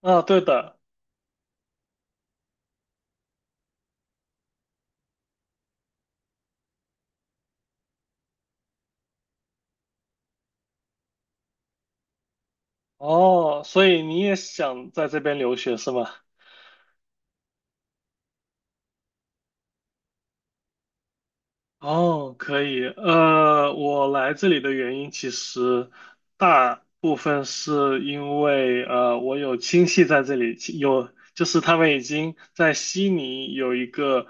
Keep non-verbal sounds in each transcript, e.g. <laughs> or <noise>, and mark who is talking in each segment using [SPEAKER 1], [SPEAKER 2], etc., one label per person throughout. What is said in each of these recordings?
[SPEAKER 1] 啊，对的。哦，所以你也想在这边留学是吗？哦，可以。我来这里的原因其实大部分是因为我有亲戚在这里，就是他们已经在悉尼有一个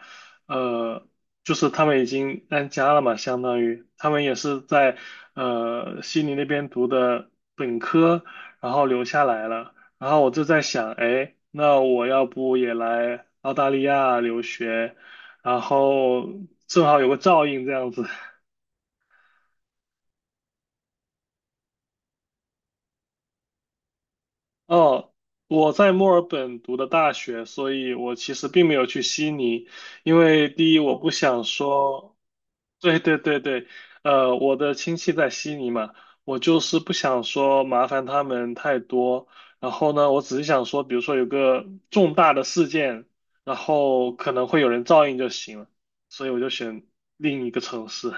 [SPEAKER 1] 呃，就是他们已经安家了嘛，相当于他们也是在悉尼那边读的本科，然后留下来了。然后我就在想，哎，那我要不也来澳大利亚留学？然后正好有个照应这样子。哦，我在墨尔本读的大学，所以我其实并没有去悉尼，因为第一我不想说，对对对对，我的亲戚在悉尼嘛，我就是不想说麻烦他们太多。然后呢，我只是想说，比如说有个重大的事件，然后可能会有人照应就行了，所以我就选另一个城市。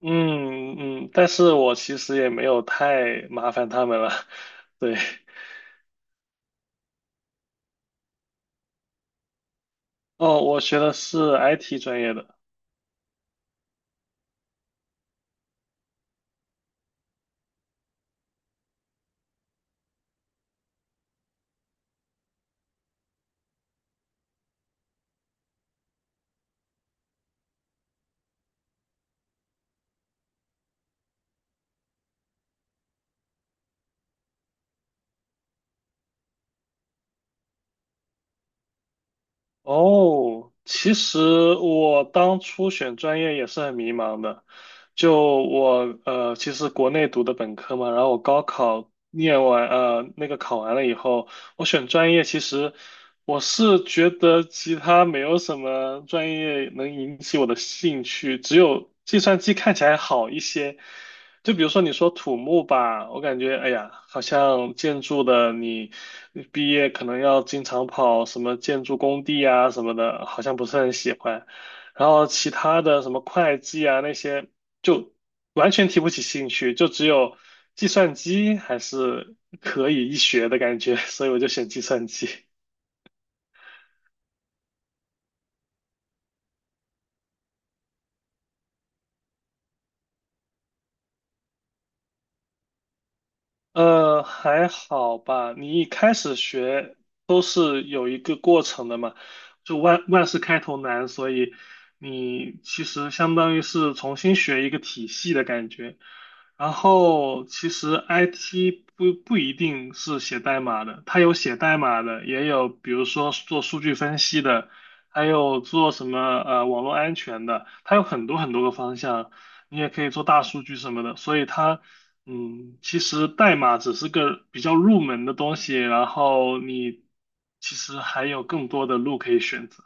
[SPEAKER 1] 嗯嗯，但是我其实也没有太麻烦他们了。<laughs> 对。哦，我学的是 IT 专业的。哦，其实我当初选专业也是很迷茫的。就我其实国内读的本科嘛，然后我高考念完那个考完了以后，我选专业，其实我是觉得其他没有什么专业能引起我的兴趣，只有计算机看起来好一些。就比如说你说土木吧，我感觉哎呀，好像建筑的你毕业可能要经常跑什么建筑工地啊什么的，好像不是很喜欢。然后其他的什么会计啊那些，就完全提不起兴趣，就只有计算机还是可以一学的感觉，所以我就选计算机。呃，还好吧。你一开始学都是有一个过程的嘛，就万事开头难，所以你其实相当于是重新学一个体系的感觉。然后其实 IT 不一定是写代码的，它有写代码的，也有比如说做数据分析的，还有做什么网络安全的，它有很多很多个方向。你也可以做大数据什么的，所以它嗯，其实代码只是个比较入门的东西，然后你其实还有更多的路可以选择。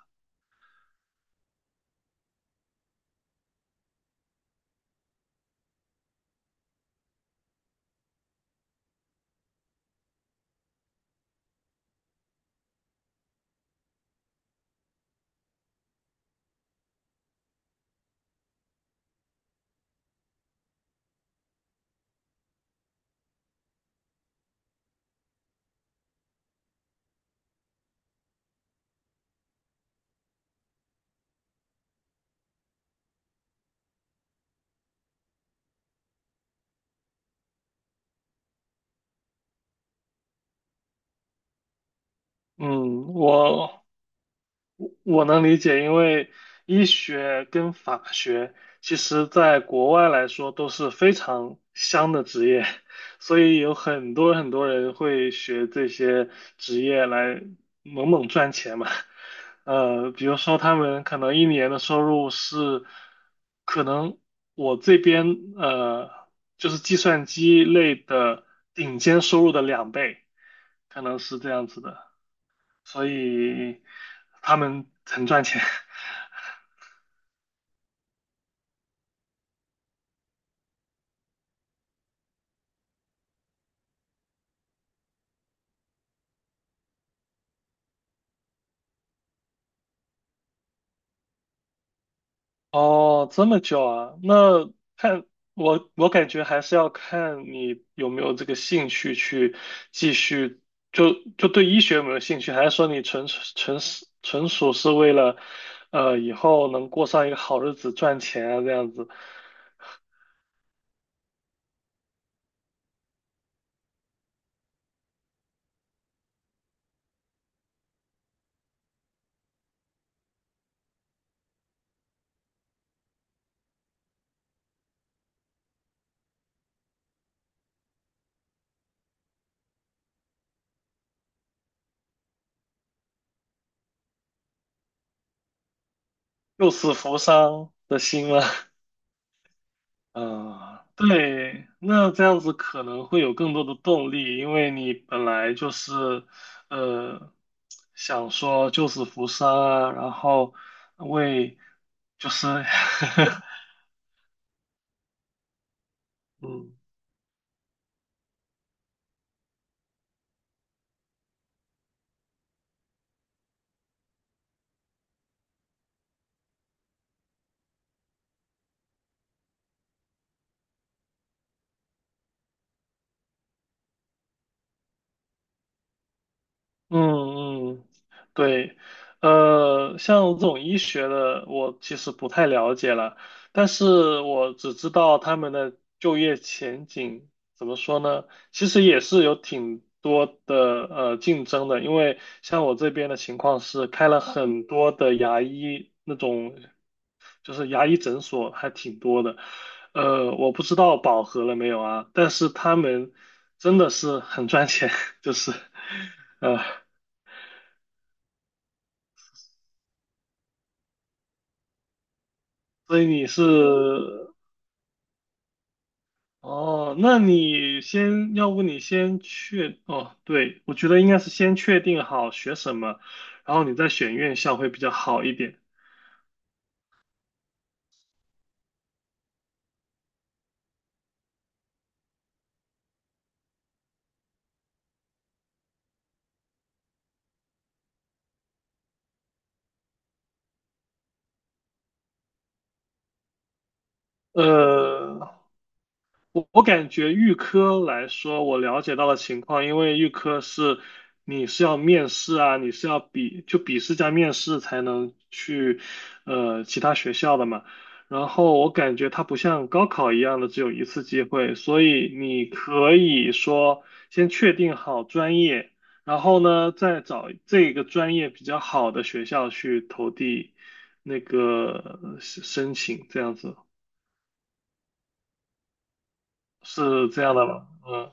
[SPEAKER 1] 嗯，我能理解，因为医学跟法学其实在国外来说都是非常香的职业，所以有很多很多人会学这些职业来猛猛赚钱嘛。呃，比如说他们可能一年的收入是，可能我这边呃就是计算机类的顶尖收入的两倍，可能是这样子的。所以他们很赚钱。<laughs> 哦，这么久啊？那看我，我感觉还是要看你有没有这个兴趣去继续，就就对医学有没有兴趣，还是说你纯属是为了，呃，以后能过上一个好日子赚钱啊，这样子，救死扶伤的心吗？<laughs> 嗯，对，那这样子可能会有更多的动力，因为你本来就是，呃，想说救死扶伤啊，然后为就是，<laughs> 嗯。嗯嗯，对，呃，像这种医学的，我其实不太了解了，但是我只知道他们的就业前景怎么说呢？其实也是有挺多的竞争的，因为像我这边的情况是开了很多的牙医那种，就是牙医诊所还挺多的，呃，我不知道饱和了没有啊，但是他们真的是很赚钱，<laughs> 就是。呃。所以你是哦，那你先，要不你先哦，对，我觉得应该是先确定好学什么，然后你再选院校会比较好一点。呃，我感觉预科来说，我了解到的情况，因为预科是你是要面试啊，你是要就笔试加面试才能去其他学校的嘛。然后我感觉它不像高考一样的只有一次机会，所以你可以说先确定好专业，然后呢再找这个专业比较好的学校去投递那个申请，这样子是这样的吗？嗯。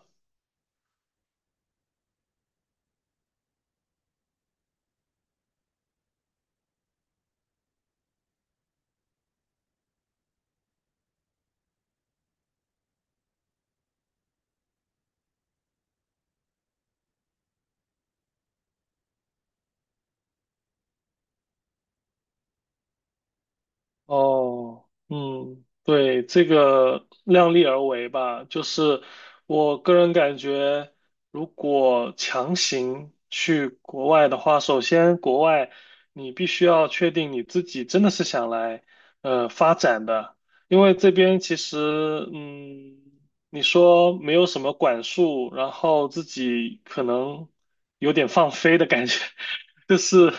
[SPEAKER 1] 哦，嗯，对，这个量力而为吧，就是我个人感觉，如果强行去国外的话，首先国外你必须要确定你自己真的是想来发展的，因为这边其实嗯，你说没有什么管束，然后自己可能有点放飞的感觉，<laughs> 就是。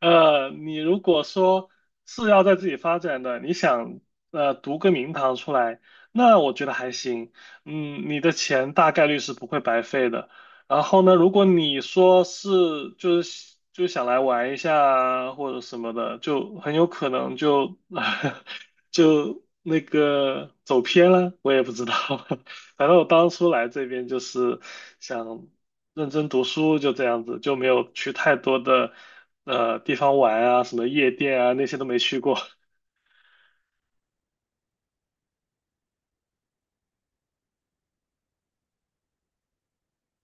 [SPEAKER 1] 呃，你如果说是要在自己发展的，你想读个名堂出来，那我觉得还行。嗯，你的钱大概率是不会白费的。然后呢，如果你说是就想来玩一下啊或者什么的，就很有可能就 <laughs> 就那个走偏了，我也不知道。<laughs> 反正我当初来这边就是想认真读书，就这样子，就没有去太多的地方玩啊，什么夜店啊那些都没去过。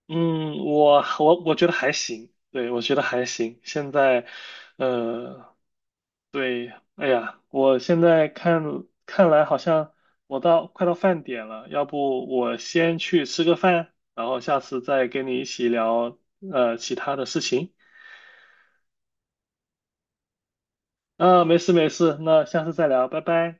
[SPEAKER 1] 嗯，我我觉得还行，对，我觉得还行。现在，呃，对，哎呀，我现在看来好像我快到饭点了，要不我先去吃个饭，然后下次再跟你一起聊其他的事情。啊，没事没事，那下次再聊，拜拜。